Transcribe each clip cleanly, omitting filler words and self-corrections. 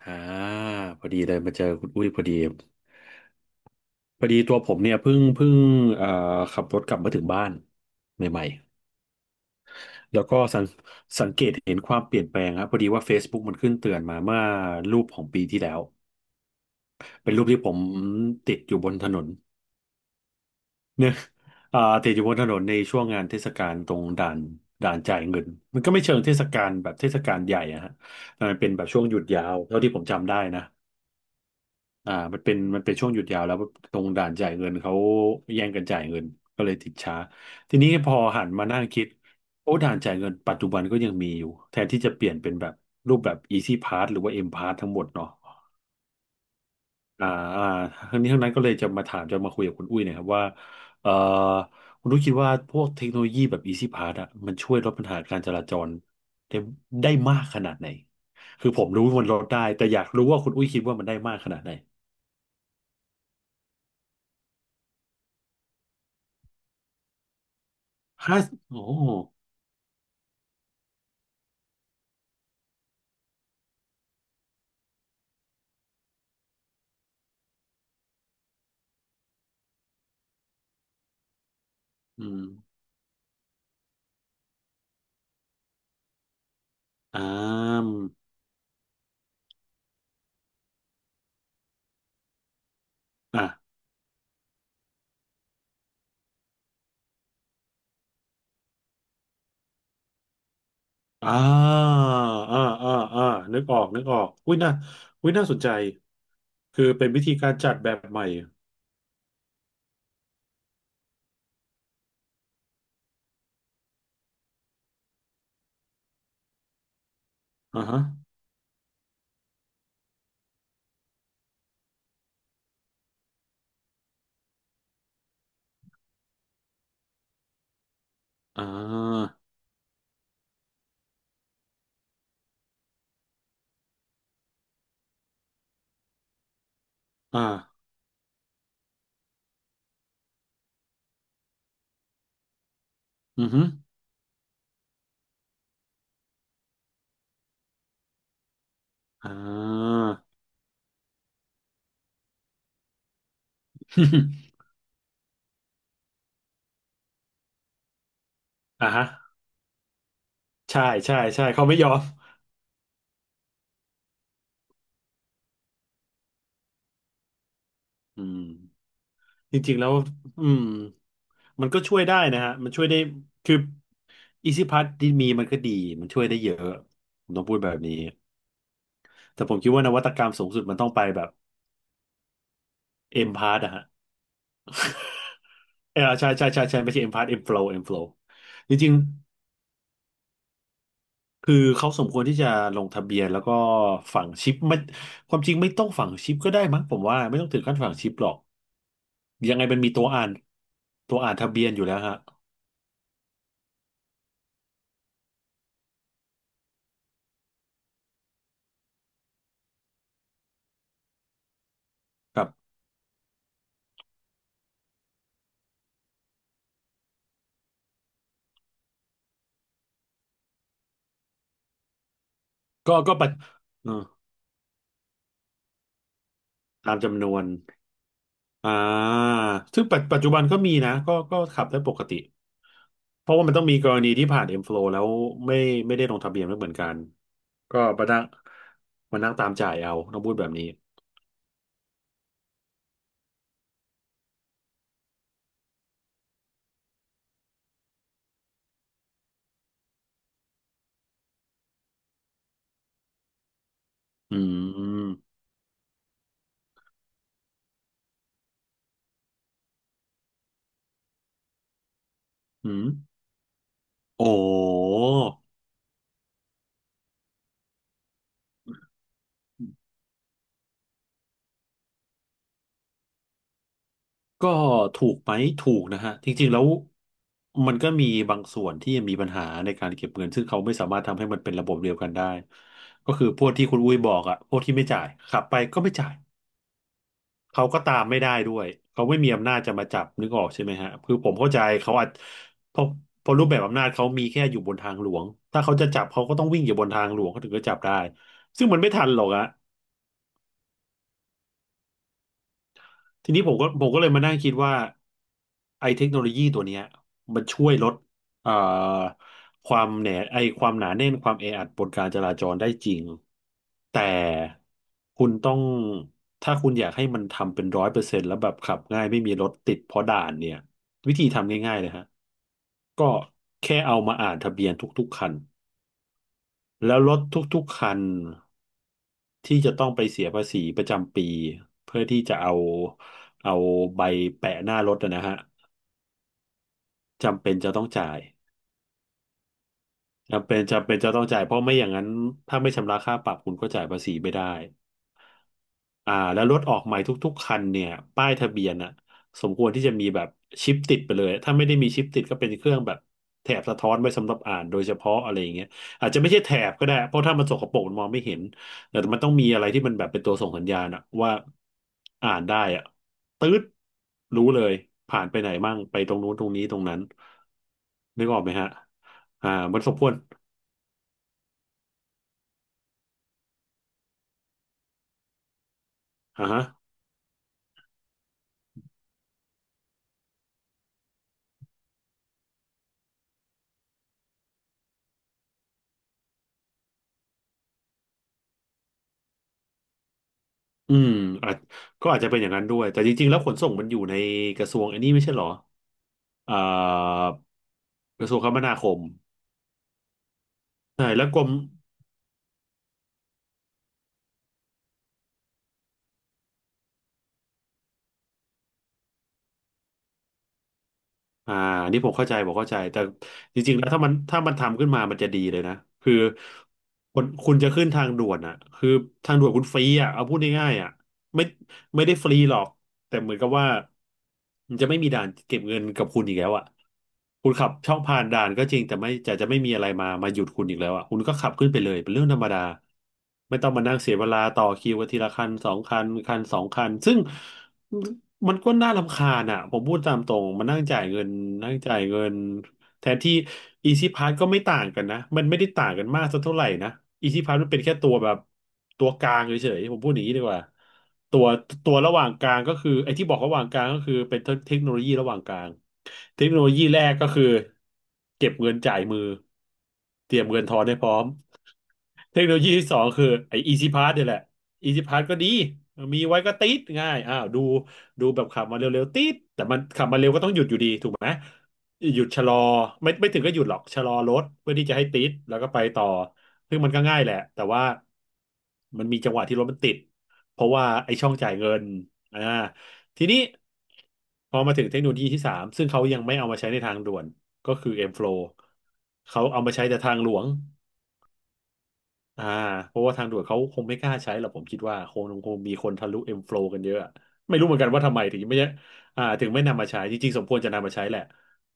อ่าพอดีเลยมาเจอคุณอุ้ยพอดีพอดีตัวผมเนี่ยเพิ่งเอ่อขับรถกลับมาถึงบ้านใหม่ๆแล้วก็สังเกตเห็นความเปลี่ยนแปลงครับพอดีว่า Facebook มันขึ้นเตือนมาเมื่อรูปของปีที่แล้วเป็นรูปที่ผมติดอยู่บนถนน เนี่ยอ่าติดอยู่บนถนนในช่วงงานเทศกาลตรงด่านด่านจ่ายเงินมันก็ไม่เชิงเทศกาลแบบเทศกาลใหญ่อะฮะแต่มันเป็นแบบช่วงหยุดยาวเท่าที่ผมจำได้นะ มันเป็นช่วงหยุดยาวแล้วตรงด่านจ่ายเงินเขาแย่งกันจ่ายเงินก็เลยติดช้าทีนี้พอหันมานั่งคิดโอ้ด่านจ่ายเงินปัจจุบันก็ยังมีอยู่แทนที่จะเปลี่ยนเป็นแบบรูปแบบ Easy Pass หรือว่า M Pass ทั้งหมดเนาะอ่าอ่าทั้งนี้ทั้งนั้นก็เลยจะมาคุยกับคุณอุ้ยหนะครับว่าเอ่อคุณอุ้ยคิดว่าพวกเทคโนโลยีแบบ Easy Pass อะมันช่วยลดปัญหาการจราจรได้ได้มากขนาดไหนคือผมรู้ว่ามันลดได้แต่อยากรู้ว่าคุณอุ้ยคิดว่ามันได้มากขนาดไหนห้าโอ้ อืมอ่ามอ่ะอ่าอ่าอ่าอ่านึกออกอุ้ยน่าอุ้ยน่าสนใจคือเป็นวิธีการจัดแบบใหม่อ่าฮะอ่าอ่าอือฮึอ่า อ่าฮะใช่ใช่ใช่เขาไม่ยอมอืมจริงๆแล้วอืมมันก็ช่วยได้นะฮะมันช่วยได้คืออีซี่พั s ที่มีมันก็ดีมันช่วยได้เยอะผมต้องพูดแบบนี้แต่ผมคิดว่านวัตกรรมสูงสุดมันต้องไปแบบ เอ็มพาร์ตอะฮะ เออใช่ใช่ใช่ใช่ไม่ใช่เอ็มพาร์ตเอ็มโฟล์จริงๆคือเขาสมควรที่จะลงทะเบียนแล้วก็ฝังชิปไม่ความจริงไม่ต้องฝังชิปก็ได้มั้งผมว่าไม่ต้องถึงขั้นฝังชิปหรอกยังไงมันมีตัวอ่านตัวอ่านทะเบียนอยู่แล้วฮะครับก็ไปจเออตามจำนวน อ่าซึ่งปัจจุบันก็มีนะก็ขับได้ปกติ เพราะว่ามันต้องมีกรณีที่ผ่าน M-Flow แล้วไม่ไม่ได้ลงทะเบียนไม่เหมือนกัน ก็มานั่งตามจ่ายเอาต้องพูดแบบนี้อืมอืมโอ้ก็ถูกไหมถูกนะฮะ จริงๆแล้วมันก็มีบางส่วนที่ยังมีปัญหาในการเก็บเงิน ซึ่งเขาไม่สามารถทำให้มันเป็นระบบเดียวกันได้ ก็คือพวกที่คุณอุ้ยบอกอะพวกที่ไม่จ่ายขับไปก็ไม่จ่าย เขาก็ตามไม่ได้ด้วยเขาไม่มีอำนาจจะมาจับนึกออกใช่ไหมฮะคือผมเข้าใจเขาอาจเพราะเพราะรูปแบบอำนาจเขามีแค่อยู่บนทางหลวงถ้าเขาจะจับเขาก็ต้องวิ่งอยู่บนทางหลวงเขาถึงจะจับได้ซึ่งมันไม่ทันหรอกอะ ทีนี้ผมก็เลยมานั่งคิดว่าไอ้เทคโนโลยีตัวเนี้ยมันช่วยลดเอ่อความหนาแน่นความแออัดบนการจราจรได้จริงแต่คุณต้องถ้าคุณอยากให้มันทำเป็นร้อยเปอร์เซ็นต์แล้วแบบขับง่ายไม่มีรถติดเพราะด่านเนี่ยวิธีทำง่ายๆเลยฮะก็แค่เอามาอ่านทะเบียนทุกๆคันแล้วรถทุกๆคัน ที่จะต้องไปเสียภาษีประจำปีเพื่อที่จะเอาเอาใบแปะหน้ารถอะนะฮะจำเป็นจะต้องจ่ายจำเป็นจะต้องจ่ายเพราะไม่อย่างนั้นถ้าไม่ชำระค่าปรับคุณก็จ่ายภาษีไม่ได้ แล้วรถออกใหม่ทุกๆคันเนี่ยป้ายทะเบียนอ่ะสมควรที่จะมีแบบชิปติดไปเลยถ้าไม่ได้มีชิปติดก็เป็นเครื่องแบบแถบสะท้อนไว้สำหรับอ่านโดยเฉพาะอะไรอย่างเงี้ยอาจจะไม่ใช่แถบก็ได้เพราะถ้ามันสกปรกมันมองไม่เห็นแต่มันต้องมีอะไรที่มันแบบเป็นตัวส่งสัญญาณอะว่าอ่านได้อะตื๊ดรู้เลยผ่านไปไหนมั่งไปตรงนู้นตรงนี้ตรงนั้นนึกออกไหมฮะอ่ามันสมควรอ่าฮะอืมอาจก็อาจจะเป็นอย่างนั้นด้วยแต่จริงๆแล้วขนส่งมันอยู่ในกระทรวงอันนี้ไม่ใช่เหรอ เอ่อกระทรวงคมนาคมใช่แล้วกรม อ่าอันนี้ผมเข้าใจแต่จริงๆแล้วถ้ามันทำขึ้นมามันจะดีเลยนะคือคนคุณจะขึ้นทางด่วนอ่ะคือทางด่วนคุณฟรีอ่ะเอาพูดง่ายๆอ่ะไม่ไม่ได้ฟรีหรอกแต่เหมือนกับว่ามันจะไม่มีด่านเก็บเงินกับคุณอีกแล้วอ่ะคุณขับช่องผ่านด่านก็จริงแต่ไม่จะจะไม่มีอะไรมาหยุดคุณอีกแล้วอ่ะคุณก็ขับขึ้นไปเลยเป็นเรื่องธรรมดาไม่ต้องมานั่งเสียเวลาต่อคิวกันทีละคันสองคันซึ่ง มันก็น่ารำคาญอ่ะผมพูดตามตรงมันนั่งจ่ายเงินนั่งจ่ายเงินแทนที่อีซีพาสก็ไม่ต่างกันนะมันไม่ได้ต่างกันมากสักเท่าไหร่นะอีซีพาสมันเป็นแค่ตัวแบบตัวกลางเฉยๆผมพูดอย่างนี้ดีกว่าตัวตัวระหว่างกลางก็คือไอ้ที่บอกระหว่างกลางก็คือเป็นเทคโนโลยีระหว่างกลาง เทคโนโลยีแรกก็คือเก็บเงินจ่ายมือเตรียมเงินทอนให้พร้อมเทคโนโลยีที่สองคือไอ้ Easy Pass เนี่ยแหละ Easy Pass ก็ดีมีไว้ก็ติดง่ายอ้าวดูแบบขับมาเร็วๆติดแต่มันขับมาเร็วก็ต้องหยุดอยู่ดีถูกไหมหยุดชะลอไม่ถึงก็หยุดหรอกชะลอรถเพื่อที่จะให้ติดแล้วก็ไปต่อซึ่งมันก็ง่ายแหละแต่ว่ามันมีจังหวะที่รถมันติดเพราะว่าไอ้ช่องจ่ายเงินอ่า ทีนี้พอมาถึงเทคโนโลยีที่สามซึ่งเขายังไม่เอามาใช้ในทางด่วนก็คือ M-Flow เขาเอามาใช้แต่ทางหลวงอ่าเพราะว่าทางด่วนเขาคงไม่กล้าใช้หรอกผมคิดว่าคงมีคนทะลุ M-Flow กันเยอะอะไม่รู้เหมือนกันว่าทำไมถึงไม่อ่าถึงไม่นำมาใช้จริงๆสมควรจะนำมาใช้แหละ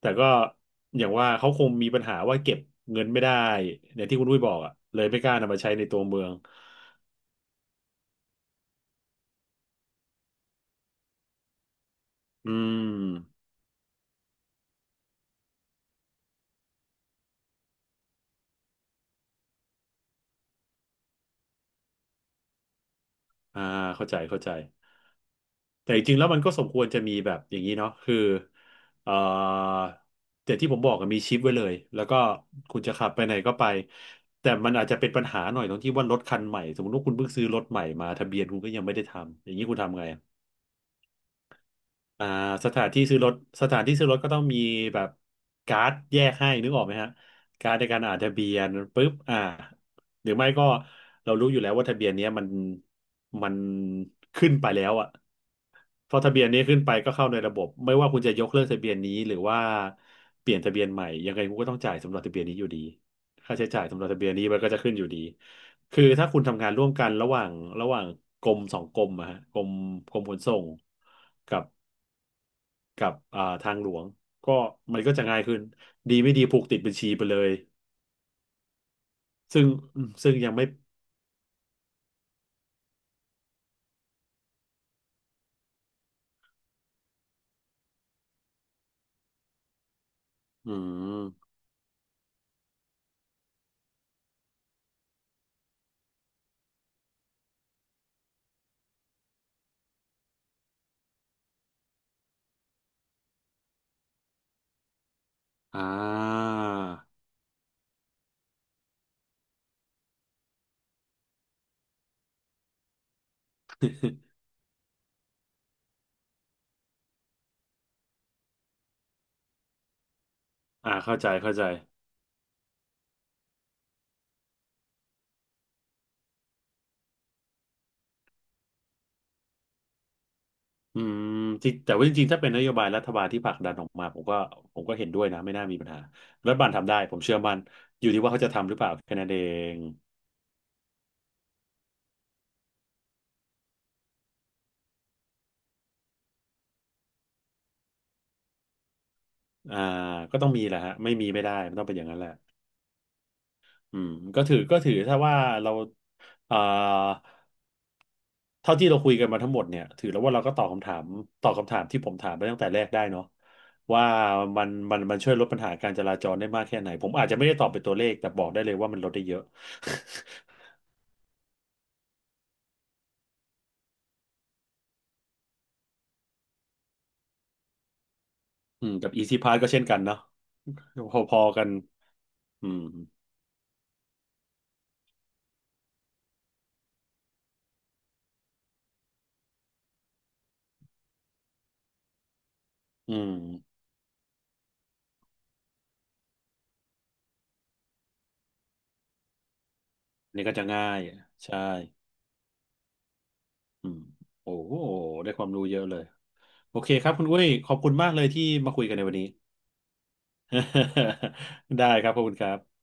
แต่ก็อย่างว่าเขาคงมีปัญหาว่าเก็บเงินไม่ได้อย่างที่คุณอุ้ยบอกอะเลยไม่กล้านำมาใช้ในตัวเมืองอืมอ่าเข้าใจแต่จริงๆแล้วมันก็สมควรจะมีแบบอย่างนี้เนาะคือเอ่อแต่ที่ผมบอกอะมีชิปไว้เลยแล้วก็คุณจะขับไปไหนก็ไปแต่มันอาจจะเป็นปัญหาหน่อยตรงที่ว่ารถคันใหม่สมมติว่าคุณเพิ่งซื้อรถใหม่มาทะเบียนคุณก็ยังไม่ได้ทำอย่างนี้คุณทำไง อ่าสถานที่ซื้อรถสถานที่ซื้อรถก็ต้องมีแบบการ์ดแยกให้นึกออกไหมฮะการ์ดในการอ่านทะเบียนปุ๊บอ่าหรือไม่ก็เรารู้อยู่แล้วว่าทะเบียนเนี้ยมันขึ้นไปแล้วอ่ะพอทะเบียนนี้ขึ้นไปก็เข้าในระบบไม่ว่าคุณจะยกเลิกทะเบียนนี้หรือว่าเปลี่ยนทะเบียนใหม่ยังไงคุณก็ต้องจ่ายสำหรับทะเบียนนี้อยู่ดีค่าใช้จ่ายสำหรับทะเบียนนี้มันก็จะขึ้นอยู่ดีคือถ้าคุณทำงานร่วมกันระหว่างกรมสองกรมอะฮะกรมขนส่งกับ กับอ่าทางหลวงก็มันก็จะง่ายขึ้นดีไม่ดีผูกติดบัญชีไปเลยซึ่งยังไม่อืมอ่า อ่าเข้าใจอืมจริงแต่ว่าจริงๆถ้าเป็นนโยบายรัฐบาลที่ผลักดันออกมาผมก็เห็นด้วยนะไม่น่ามีปัญหารัฐบาลทำได้ผมเชื่อมันอยู่ที่ว่าเขาจะทำหรือเปล่าแค่นั้นเองอ่าก็ต้องมีแหละฮะ.ไม่มีไม่ได้มันต้องเป็นอย่างนั้นแหละอืมก็ถือถ้าว่าเราอ่า เท่าที่เราคุยกันมาทั้งหมดเนี่ยถือแล้วว่าเราก็ตอบคำถามที่ผมถามไปตั้งแต่แรกได้เนาะว่ามันมันช่วยลดปัญหาการจราจรได้มากแค่ไหนผมอาจจะไม่ได้ตอบเป็นตัวเลขแต่บอกได้เลยว่ามันลดได้เยอะ อืมกับ Easy Pass ก็เช่นกันเนาะพอๆกันอืมอืมนี่ก็จะง่ายใช่อืมโอ้โหได้ความรู้เยอะเลยโอเคครับคุณอุ้ยขอบคุณมากเลยที่มาคุยกันในวันนี้ ได้ครับขอบคุณครับ